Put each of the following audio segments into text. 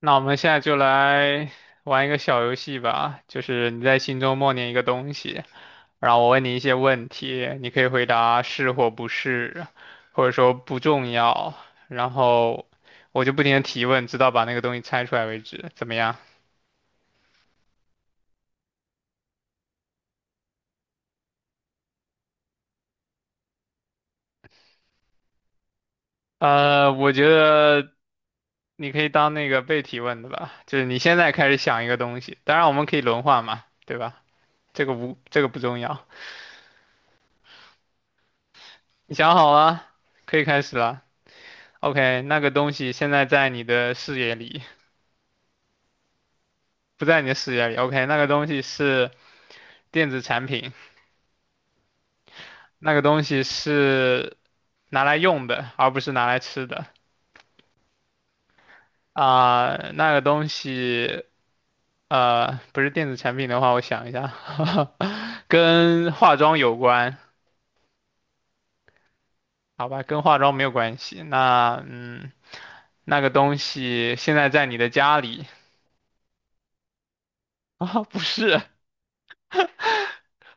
那我们现在就来玩一个小游戏吧，就是你在心中默念一个东西，然后我问你一些问题，你可以回答是或不是，或者说不重要，然后我就不停的提问，直到把那个东西猜出来为止，怎么样？我觉得你可以当那个被提问的吧，就是你现在开始想一个东西，当然我们可以轮换嘛，对吧？这个无，这个不重要，你想好了，可以开始了。OK，那个东西现在在你的视野里，不在你的视野里。OK，那个东西是电子产品，那个东西是拿来用的，而不是拿来吃的。啊、那个东西，不是电子产品的话，我想一下，跟化妆有关，好吧，跟化妆没有关系。那，嗯，那个东西现在在你的家里啊、不是，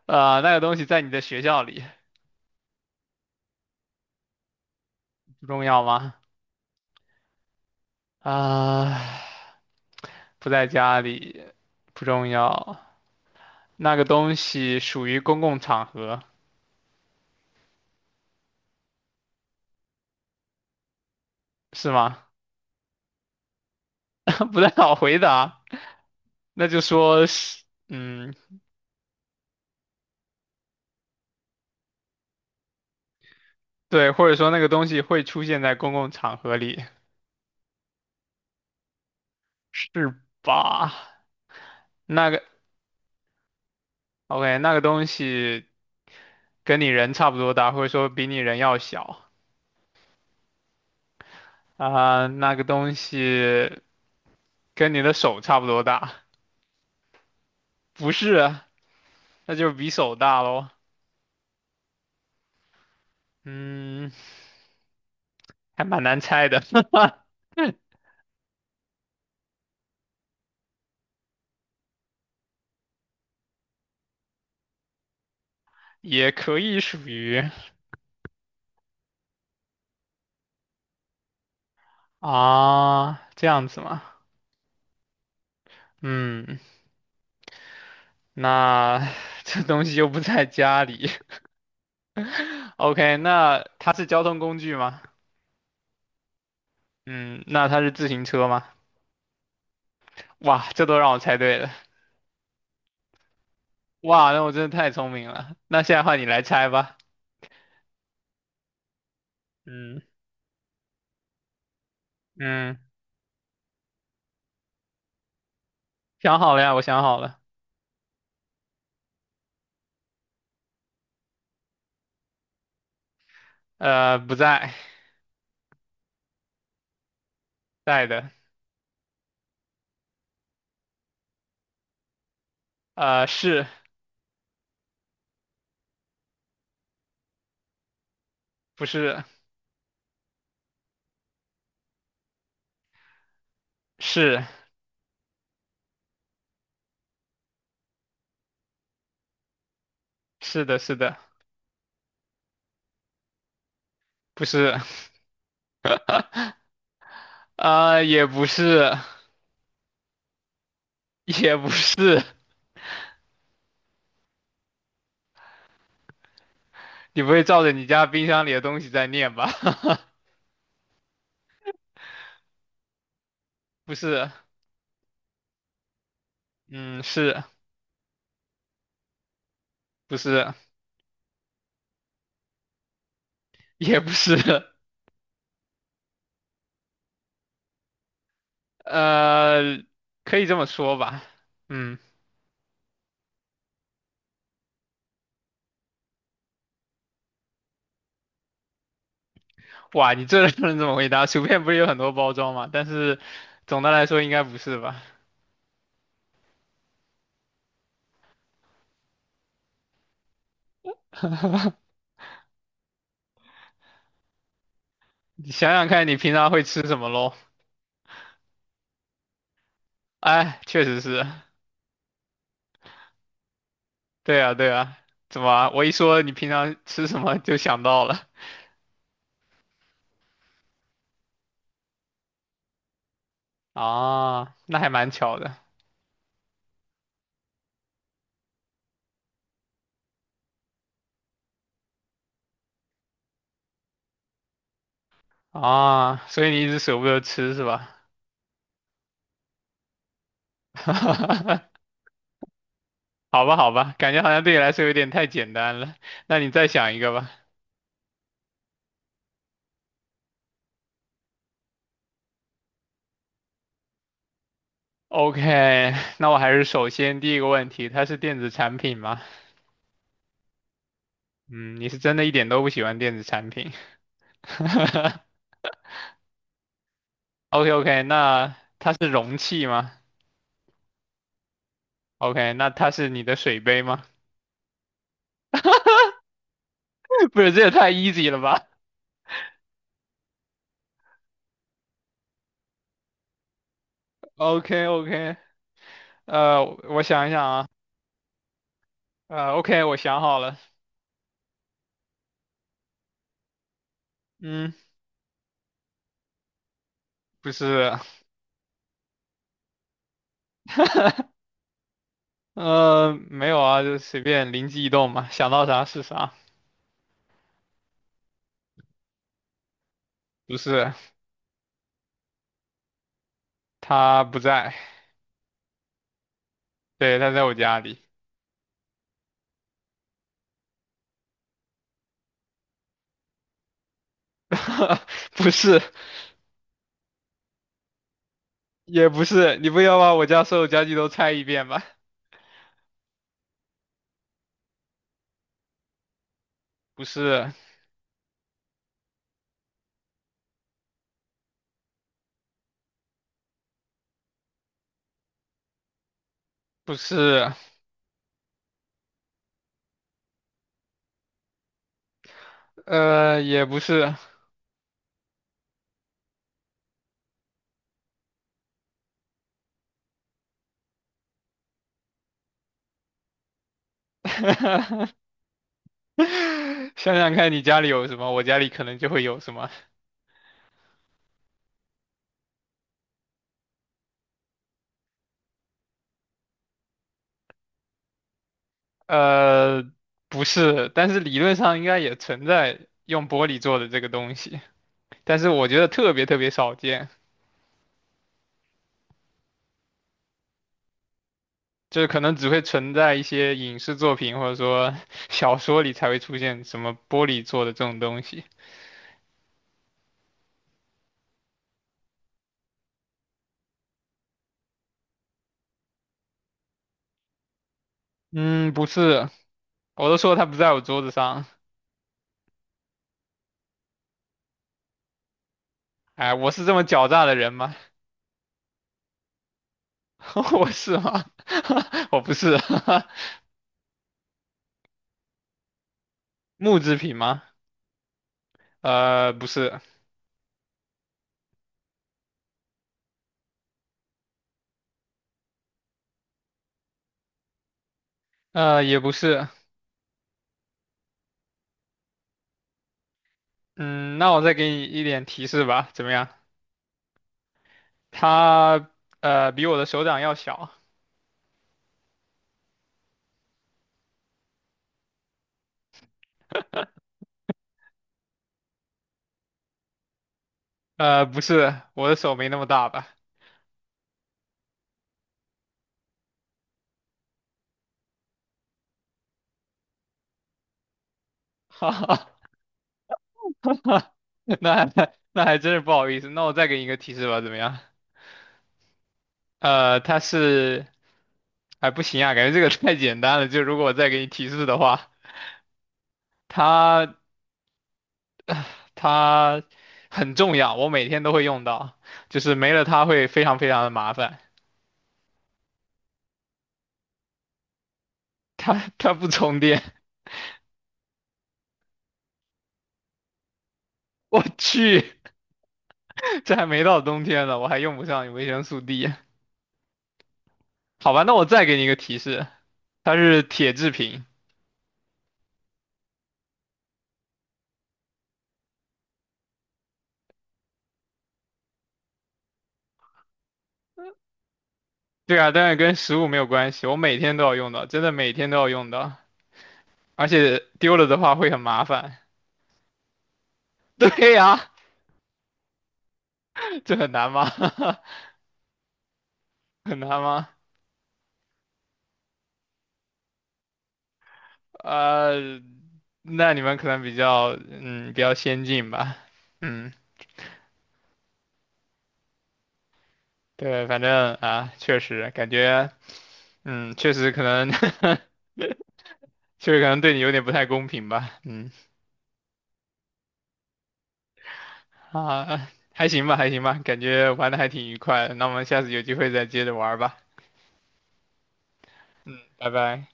那个东西在你的学校里，不重要吗？啊，不在家里不重要，那个东西属于公共场合，是吗？不太好回答，那就说是，嗯，对，或者说那个东西会出现在公共场合里，是吧？那个，OK，那个东西跟你人差不多大，或者说比你人要小啊，那个东西跟你的手差不多大，不是啊，那就是比手大喽。嗯，还蛮难猜的，也可以属于啊，这样子嘛。嗯，那 这东西又不在家里。OK，那它是交通工具吗？嗯，那它是自行车吗？哇，这都让我猜对了。哇，那我真的太聪明了。那现在换你来猜吧。嗯嗯，想好了呀，我想好了。不在，在的。是不是？是是的，是的，不是。也不是，也不是，你不会照着你家冰箱里的东西在念吧？不是，嗯，是不是？也不是，呃，可以这么说吧。嗯，哇，你这不能这么回答。薯片不是有很多包装吗？但是总的来说应该不是吧？你想想看，你平常会吃什么喽？哎，确实是，对啊，对啊。怎么啊我一说你平常吃什么就想到了 啊？那还蛮巧的。啊，所以你一直舍不得吃是吧？好吧，好吧，感觉好像对你来说有点太简单了。那你再想一个吧。OK，那我还是首先第一个问题，它是电子产品吗？嗯，你是真的一点都不喜欢电子产品。o k o k 那它是容器吗？OK，那它是你的水杯吗？不是，这也太 easy 了吧 o k o k 我想一想啊，OK，我想好了，嗯，不是，没有啊，就随便灵机一动嘛，想到啥是啥。不是，他不在，对，他在我家里。不是，也不是，你不要把我家所有家具都拆一遍吧？不是，不是，也不是。想想看，你家里有什么，我家里可能就会有什么。呃，不是，但是理论上应该也存在用玻璃做的这个东西，但是我觉得特别特别少见。就是可能只会存在一些影视作品或者说 小说里才会出现什么玻璃做的这种东西。嗯，不是，我都说它不在我桌子上。哎，我是这么狡诈的人吗？我是吗？我不是。木制品吗？不是，也不是。嗯，那我再给你一点提示吧，怎么样？它比我的手掌要小。不是，我的手没那么大吧？哈哈。那那还真是不好意思。那我再给你一个提示吧，怎么样？它是，哎，不行啊，感觉这个 太简单了。就如果我再给你提示的话，它它很重要，我每天都会用到，就是没了它会非常非常的麻烦。它不充电，我去，这还没到冬天呢，我还用不上维生素 D。好吧，那我再给你一个提示，它是铁制品。对啊，但是跟食物没有关系，我每天都要用到，真的每天都要用到。而且丢了的话会很麻烦。对呀，这很难吗？很难吗？呃，那你们可能比较比较先进吧，嗯，对，反正啊，确实感觉确实可能 确实可能对你有点不太公平吧，嗯啊还行吧还行吧，感觉玩的还挺愉快的，那我们下次有机会再接着玩吧，拜拜。